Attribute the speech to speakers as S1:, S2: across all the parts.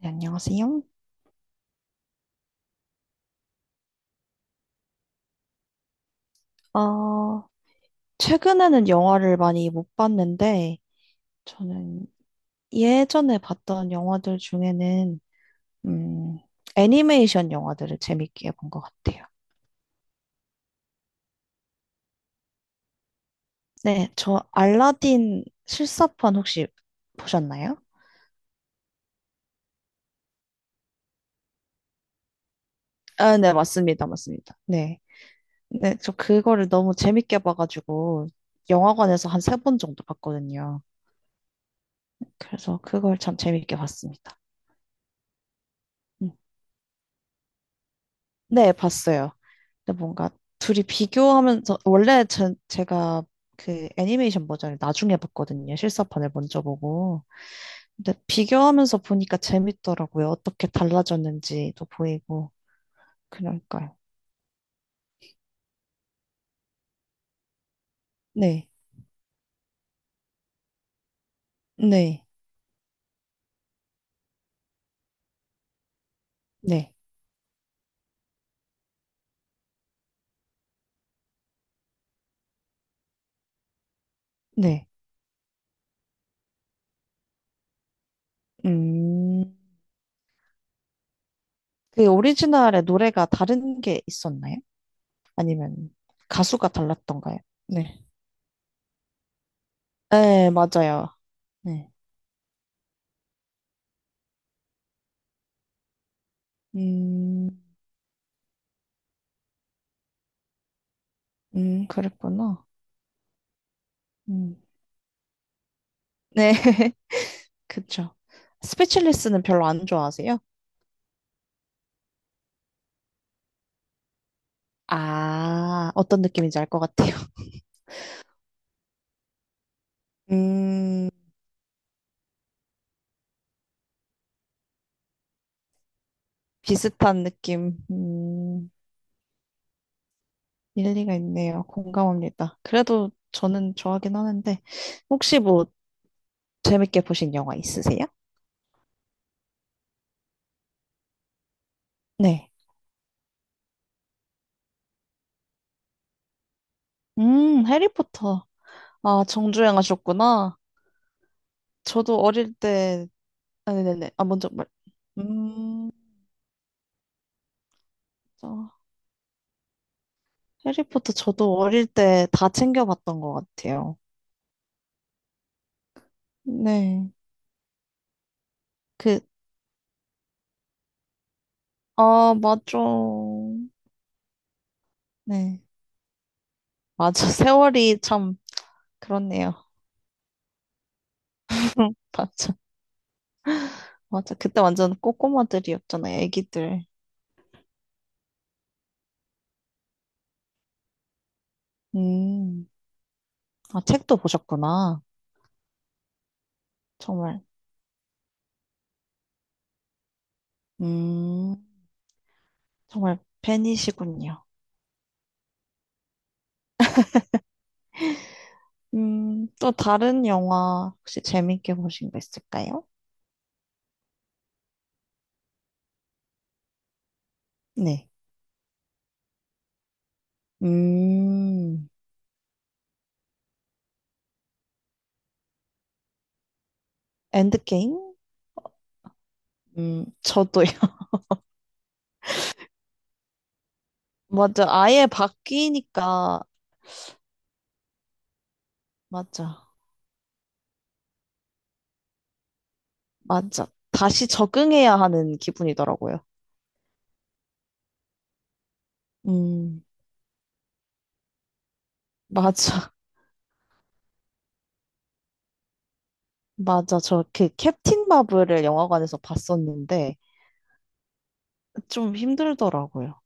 S1: 네, 안녕하세요. 어, 최근에는 영화를 많이 못 봤는데, 저는 예전에 봤던 영화들 중에는, 음, 애니메이션 영화들을 재밌게 본 것 같아요. 네, 저 알라딘 실사판 혹시 보셨나요? 아, 네, 맞습니다. 맞습니다. 네. 네, 저 그거를 너무 재밌게 봐가지고, 영화관에서 한 세 번 정도 봤거든요. 그래서 그걸 참 재밌게 봤습니다. 음. 네, 봤어요. 근데 뭔가 둘이 비교하면서 원래 전 제가 그 애니메이션 버전을 나중에 봤거든요. 실사판을 먼저 보고. 근데 비교하면서 보니까 재밌더라고요. 어떻게 달라졌는지도 보이고. 그러니까요. 네. 네. 네. 네. 음. 그 오리지널의 노래가 다른 게 있었나요? 아니면 가수가 달랐던가요? 네. 네, 맞아요. 네. 음. 그랬구나. 음. 네. 그쵸. 스피치리스는 별로 안 좋아하세요? 아, 어떤 느낌인지 알 것 같아요. 음, 비슷한 느낌. 일리가 있네요. 공감합니다. 그래도 저는 좋아하긴 하는데, 혹시 뭐 재밌게 보신 영화 있으세요? 네. 해리포터. 아, 정주행 하셨구나. 저도 어릴 때, 아, 네네네. 아, 먼저 말, 음, 저, 해리포터 저도 어릴 때 다 챙겨봤던 것 같아요. 네. 그 아, 맞아. 네. 맞아. 세월이 참 그렇네요. 맞아. 맞아. 그때 완전 꼬꼬마들이었잖아요. 애기들. 음. 아, 책도 보셨구나. 정말. 음. 정말 팬이시군요. 음. 또 다른 영화 혹시 재밌게 보신 거 있을까요? 네. 음. 엔드게임? 음. 저도요. 맞아. 아예 바뀌니까. 맞아. 맞아. 다시 적응해야 하는 기분이더라고요. 음, 맞아. 맞아. 저 그 캡틴 마블을 영화관에서 봤었는데 좀 힘들더라고요.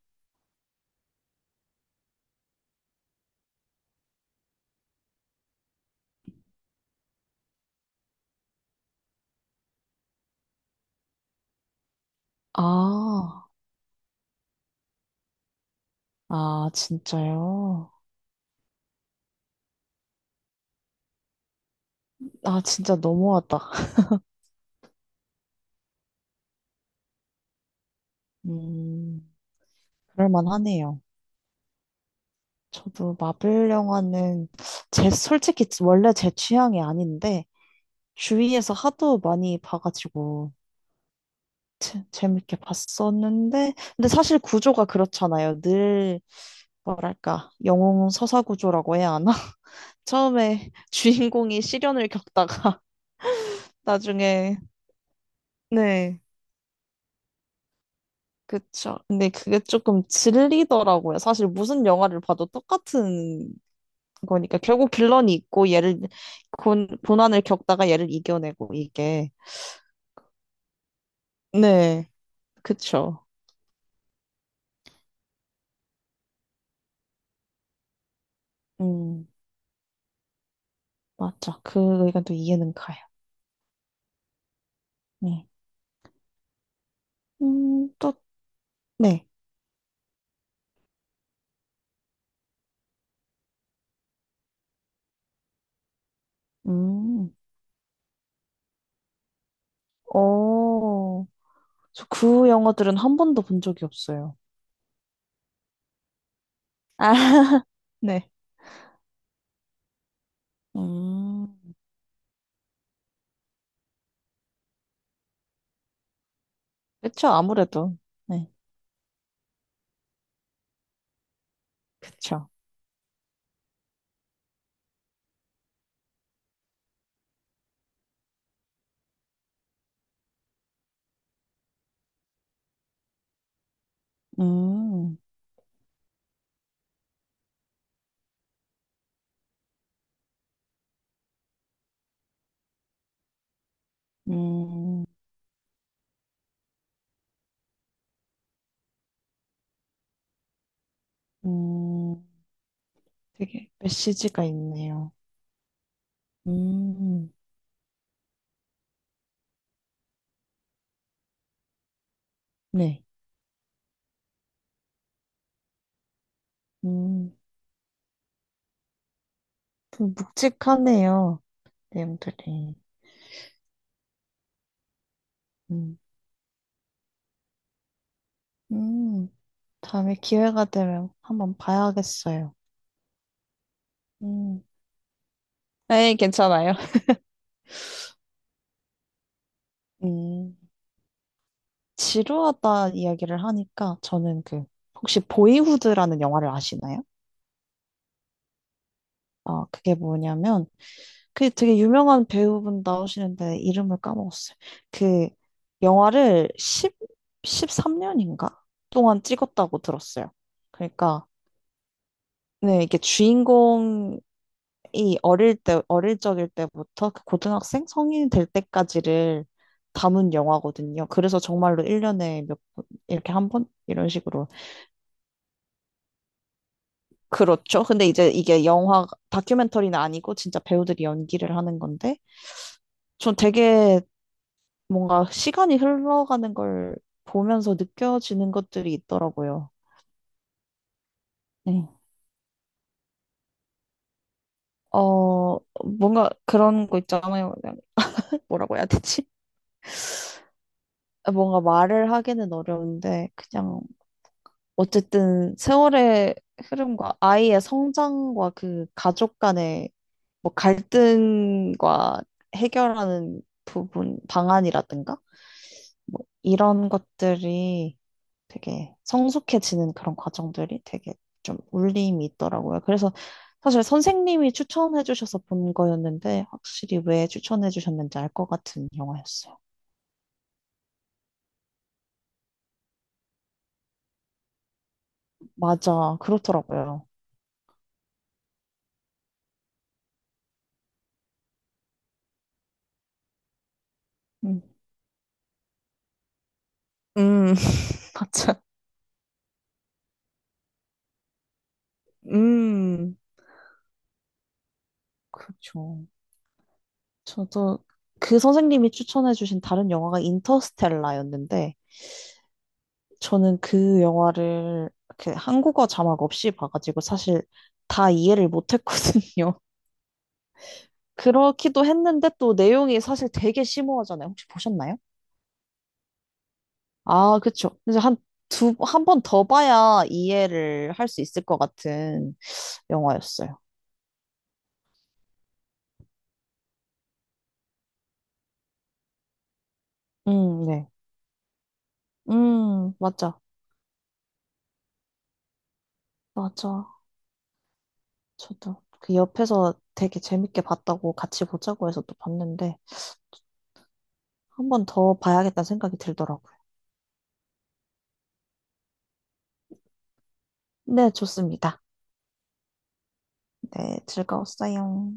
S1: 아, 아, 진짜요? 아, 진짜 너무하다. 음, 그럴만하네요. 저도 마블 영화는 제, 솔직히 원래 제 취향이 아닌데 주위에서 하도 많이 봐가지고 재밌게 봤었는데 근데 사실 구조가 그렇잖아요. 늘 뭐랄까 영웅 서사 구조라고 해야 하나? 처음에 주인공이 시련을 겪다가 나중에 네. 그쵸. 근데 그게 조금 질리더라고요. 사실 무슨 영화를 봐도 똑같은 거니까 결국 빌런이 있고 얘를 고난을 겪다가 얘를 이겨내고 이게 네 그쵸. 음 맞죠. 그 의견도 이해는 가요. 네음또네음어저 그 영화들은 한 번도 본 적이 없어요. 아, 네. 음. 그쵸, 아무래도. 네, 그쵸. 음, 음, 음, 되게 메시지가 있네요. 음, 네. 음, 좀 묵직하네요, 내용들이. 음, 음, 다음에 기회가 되면 한번 봐야겠어요. 음, 네, 괜찮아요. 음, 지루하다 이야기를 하니까 저는 그, 혹시 보이후드라는 영화를 아시나요? 아, 그게 뭐냐면, 그 되게 유명한 배우분 나오시는데 이름을 까먹었어요. 그 영화를 1 십삼 3년인가 동안 찍었다고 들었어요. 그러니까 네, 이게 주인공이 어릴 적일 때부터 그 고등학생 성인이 될 때까지를 담은 영화거든요. 그래서 정말로 1년에 몇 번, 이렇게 한 번? 이런 식으로. 그렇죠. 근데 이제 이게 영화, 다큐멘터리는 아니고 진짜 배우들이 연기를 하는 건데, 전 되게 뭔가 시간이 흘러가는 걸 보면서 느껴지는 것들이 있더라고요. 네. 어, 뭔가 그런 거 있잖아요. 그냥 뭐라고 해야 되지? 뭔가 말을 하기는 어려운데, 그냥 어쨌든 세월의 흐름과 아이의 성장과 그 가족 간의 뭐 갈등과 해결하는 부분, 방안이라든가? 뭐 이런 것들이 되게 성숙해지는 그런 과정들이 되게 좀 울림이 있더라고요. 그래서 사실 선생님이 추천해 주셔서 본 거였는데 확실히 왜 추천해 주셨는지 알 것 같은 영화였어요. 맞아. 그렇더라고요. 음, 음, 맞아. 음. 그렇죠. 저도 그 선생님이 추천해 주신 다른 영화가 인터스텔라였는데 저는 그 영화를 그 한국어 자막 없이 봐가지고 사실 다 이해를 못했거든요. 그렇기도 했는데 또 내용이 사실 되게 심오하잖아요. 혹시 보셨나요? 아, 그쵸. 그래서 한 번 더 봐야 이해를 할 수 있을 것 같은 영화였어요. 네. 맞아. 맞아. 저도 그 옆에서 되게 재밌게 봤다고 같이 보자고 해서 또 봤는데 한 번 더 봐야겠다는 생각이 들더라고요. 네, 좋습니다. 네, 즐거웠어요.